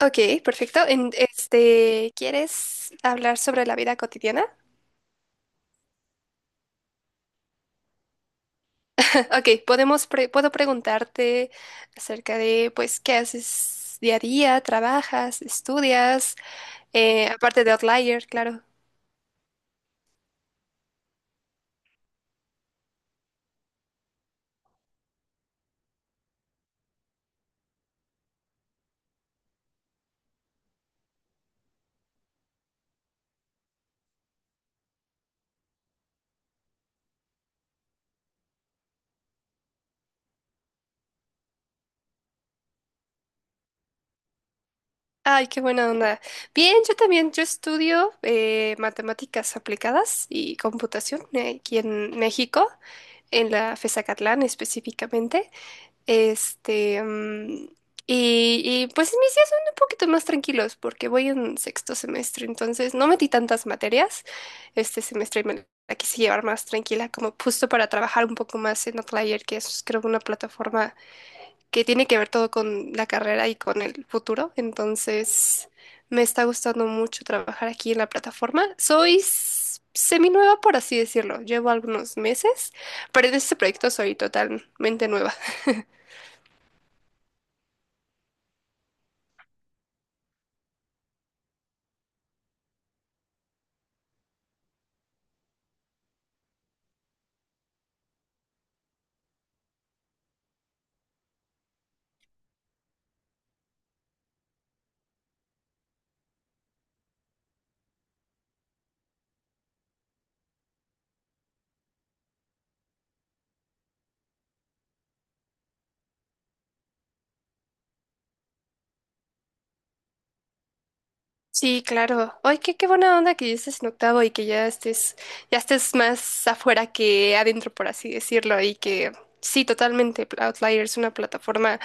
Ok, perfecto. Este, ¿quieres hablar sobre la vida cotidiana? Ok, puedo preguntarte acerca de, pues, qué haces día a día, trabajas, estudias. Aparte de Outlier, claro. Ay, qué buena onda. Bien, yo también, yo estudio matemáticas aplicadas y computación, aquí en México, en la FESACatlán específicamente. Este, mm, y pues mis días son un poquito más tranquilos porque voy en sexto semestre, entonces no metí tantas materias este semestre y me la quise llevar más tranquila, como justo para trabajar un poco más en Outlier, que es creo una plataforma que tiene que ver todo con la carrera y con el futuro, entonces me está gustando mucho trabajar aquí en la plataforma. Soy seminueva, por así decirlo, llevo algunos meses, pero en este proyecto soy totalmente nueva. Sí, claro. Ay, qué, qué buena onda que ya estés en octavo y que ya estés más afuera que adentro, por así decirlo, y que sí, totalmente. Outlier es una plataforma,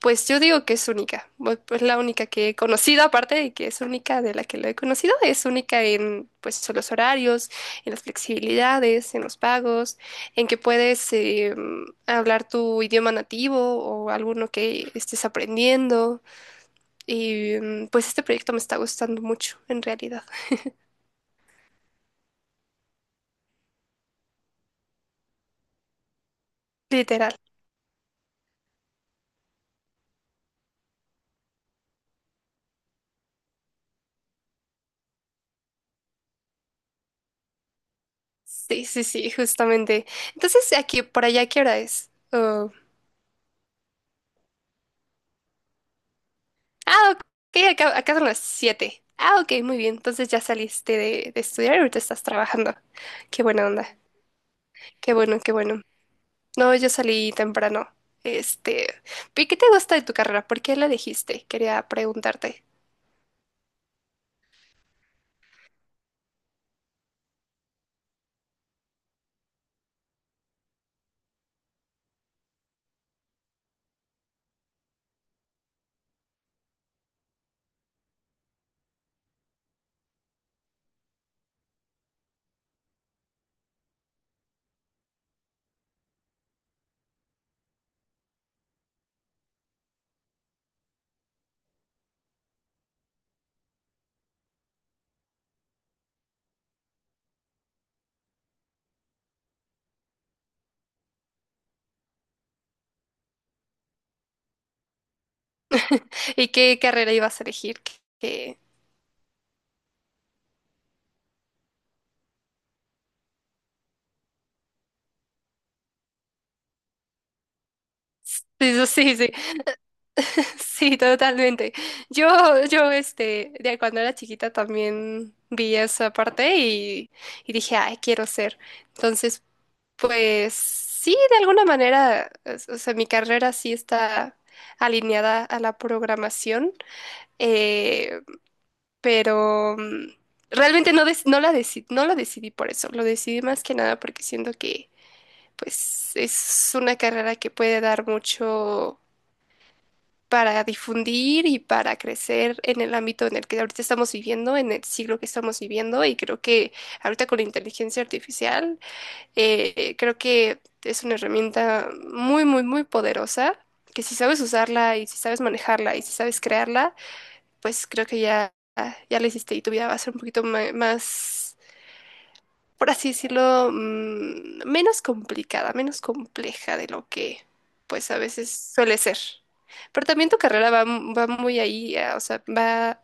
pues yo digo que es única. Pues la única que he conocido, aparte de que es única de la que lo he conocido, es única en pues los horarios, en las flexibilidades, en los pagos, en que puedes hablar tu idioma nativo o alguno que estés aprendiendo. Y mm, pues este proyecto me está gustando mucho, en realidad. Literal. Sí, sí, sí, justamente. Entonces, aquí, por allá, ¿qué hora es? Oh. Ah, ok, acá, acá son las siete. Ah, ok, muy bien. Entonces ya saliste de estudiar y ahorita estás trabajando. Qué buena onda. Qué bueno, qué bueno. No, yo salí temprano. Este, ¿y qué te gusta de tu carrera? ¿Por qué la elegiste? Quería preguntarte. ¿Y qué carrera ibas a elegir? Sí, sí, sí. Sí, totalmente. Yo, yo, este, de cuando era chiquita también vi esa parte y dije, ay, quiero ser. Entonces, pues sí, de alguna manera, o sea, mi carrera sí está alineada a la programación, eh, pero mm, realmente no, no lo decidí por eso, lo decidí más que nada porque siento que, pues, es una carrera que puede dar mucho para difundir y para crecer en el ámbito en el que ahorita estamos viviendo, en el siglo que estamos viviendo, y creo que ahorita con la inteligencia artificial, creo que es una herramienta muy, muy, muy poderosa, que si sabes usarla y si sabes manejarla y si sabes crearla, pues creo que ya, ya la hiciste y tu vida va a ser un poquito más, por así decirlo, mm, menos complicada, menos compleja de lo que pues a veces suele ser. Pero también tu carrera va, va muy ahí, ah, o sea, va,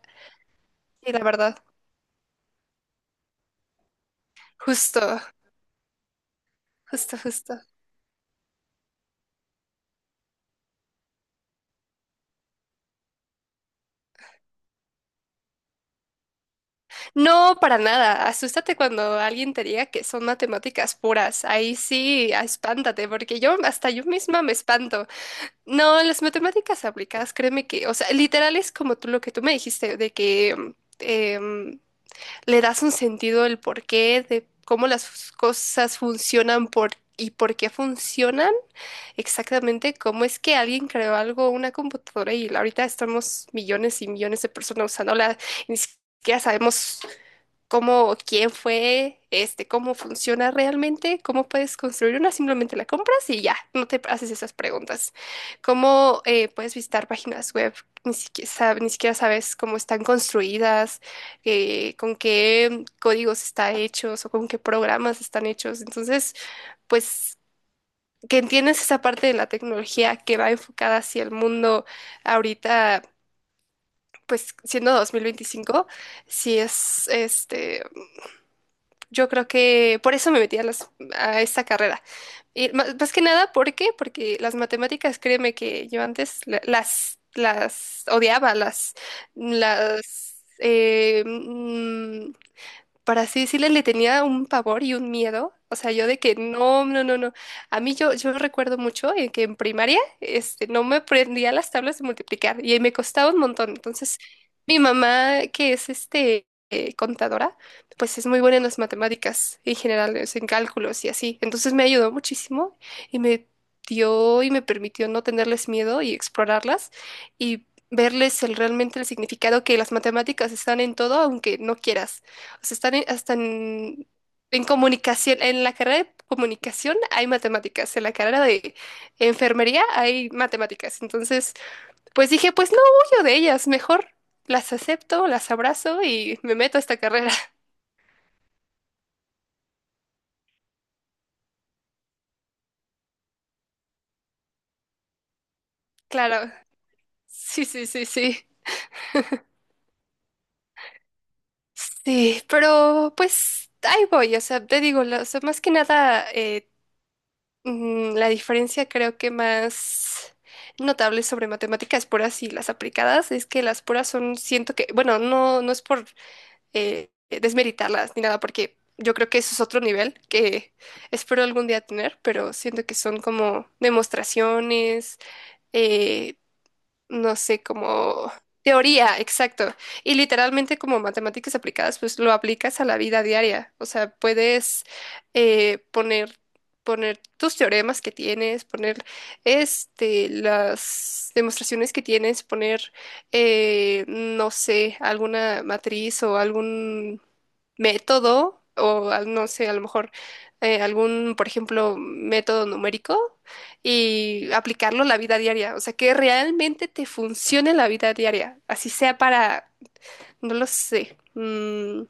sí, la verdad, justo, justo, justo. No, para nada, asústate cuando alguien te diga que son matemáticas puras, ahí sí, ah, espántate, porque yo hasta yo misma me espanto. No, las matemáticas aplicadas, créeme que, o sea, literal es como tú lo que tú me dijiste, de que em, le das un sentido del porqué, de cómo las cosas funcionan por, y por qué funcionan exactamente, cómo es que alguien creó algo, una computadora, y ahorita estamos millones y millones de personas usándola, y ni siquiera sabemos cómo, quién fue, este, cómo funciona realmente, cómo puedes construir una, simplemente la compras y ya, no te haces esas preguntas. Cómo puedes visitar páginas web, ni siquiera, ni siquiera sabes cómo están construidas, con qué códigos están hechos o con qué programas están hechos. Entonces, pues que entiendes esa parte de la tecnología que va enfocada hacia el mundo ahorita, pues siendo 2025, sí es, este, yo creo que por eso me metí a, las, a esta carrera. Y más que nada, ¿por qué? Porque las matemáticas, créeme que yo antes las odiaba, las, eh, mm, para así decirle, le tenía un pavor y un miedo. O sea, yo de que no, no, no, no. A mí yo, yo recuerdo mucho en que en primaria este, no me aprendía las tablas de multiplicar y me costaba un montón. Entonces, mi mamá, que es este, contadora, pues es muy buena en las matemáticas en general, es en cálculos y así. Entonces me ayudó muchísimo y me dio y me permitió no tenerles miedo y explorarlas y verles el, realmente el significado que las matemáticas están en todo, aunque no quieras. Pues hasta en comunicación, en la carrera de comunicación hay matemáticas, en la carrera de enfermería hay matemáticas. Entonces, pues dije, pues no huyo de ellas, mejor las acepto, las abrazo y me meto a esta carrera. Claro, sí, sí, sí, sí. Sí, pero pues ahí voy, o sea, te digo, o sea, más que nada mm, la diferencia creo que más notable sobre matemáticas puras y las aplicadas es que las puras son, siento que, bueno, no, no es por desmeritarlas ni nada, porque yo creo que eso es otro nivel que espero algún día tener, pero siento que son como demostraciones, eh, no sé, como teoría, exacto. Y literalmente como matemáticas aplicadas, pues lo aplicas a la vida diaria. O sea, puedes eh, poner, poner tus teoremas que tienes, poner este, las demostraciones que tienes, poner, no sé, alguna matriz o algún método. No sé, a lo mejor algún, por ejemplo, método numérico y aplicarlo a la vida diaria. O sea, que realmente te funcione en la vida diaria. Así sea para, no lo sé, mm,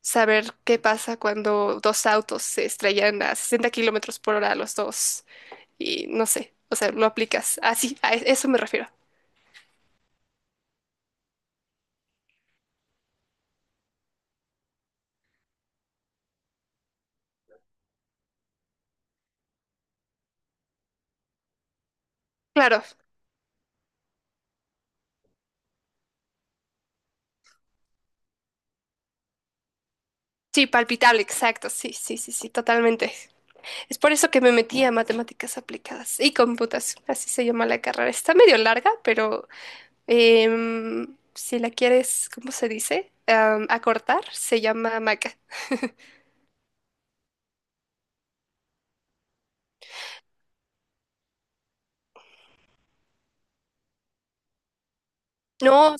saber qué pasa cuando dos autos se estrellan a 60 km/h los dos. Y no sé, o sea, lo aplicas. Así, eso me refiero. Claro, sí, palpitable, exacto. Sí, sí, sí, sí, totalmente. Es por eso que me metí a matemáticas aplicadas y computación. Así se llama la carrera. Está medio larga, pero em, si la quieres, ¿cómo se dice? Am, acortar, se llama maca. No,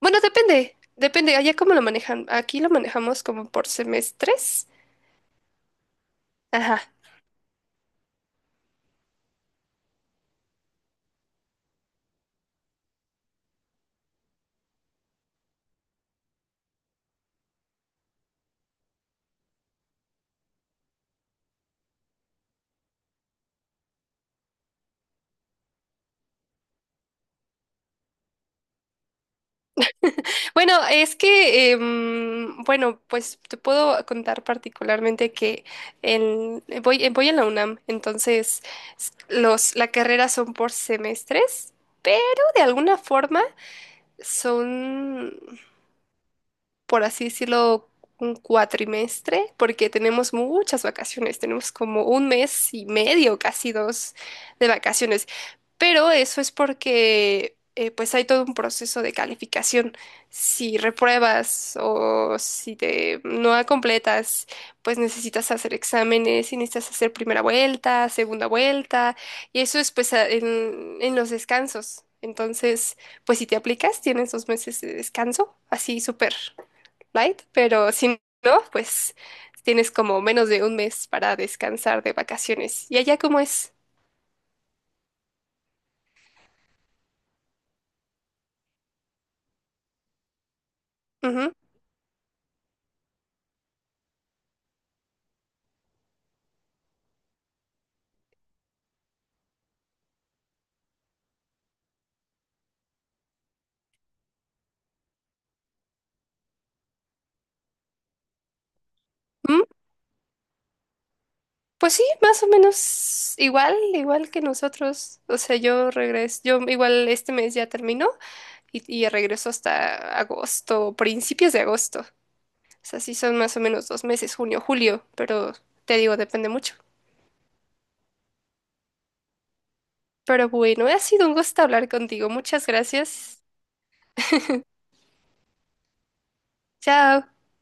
bueno, depende, depende, allá cómo lo manejan. Aquí lo manejamos como por semestres. Ajá. Bueno, es que, em, bueno, pues te puedo contar particularmente que voy, voy en la UNAM, entonces los, la carrera son por semestres, pero de alguna forma son por así decirlo, un cuatrimestre, porque tenemos muchas vacaciones, tenemos como un mes y medio, casi dos de vacaciones. Pero eso es porque pues hay todo un proceso de calificación. Si repruebas o si te no completas, pues necesitas hacer exámenes y necesitas hacer primera vuelta, segunda vuelta, y eso es pues en los descansos. Entonces, pues si te aplicas, tienes dos meses de descanso, así súper light, pero si no, pues tienes como menos de un mes para descansar de vacaciones. ¿Y allá cómo es? Ujú. Mm, pues sí, más o menos igual, igual que nosotros. O sea, yo regreso, yo igual este mes ya terminó y regreso hasta agosto, principios de agosto. O sea, sí son más o menos dos meses, junio, julio, pero te digo, depende mucho. Pero bueno, ha sido un gusto hablar contigo. Muchas gracias. Chao.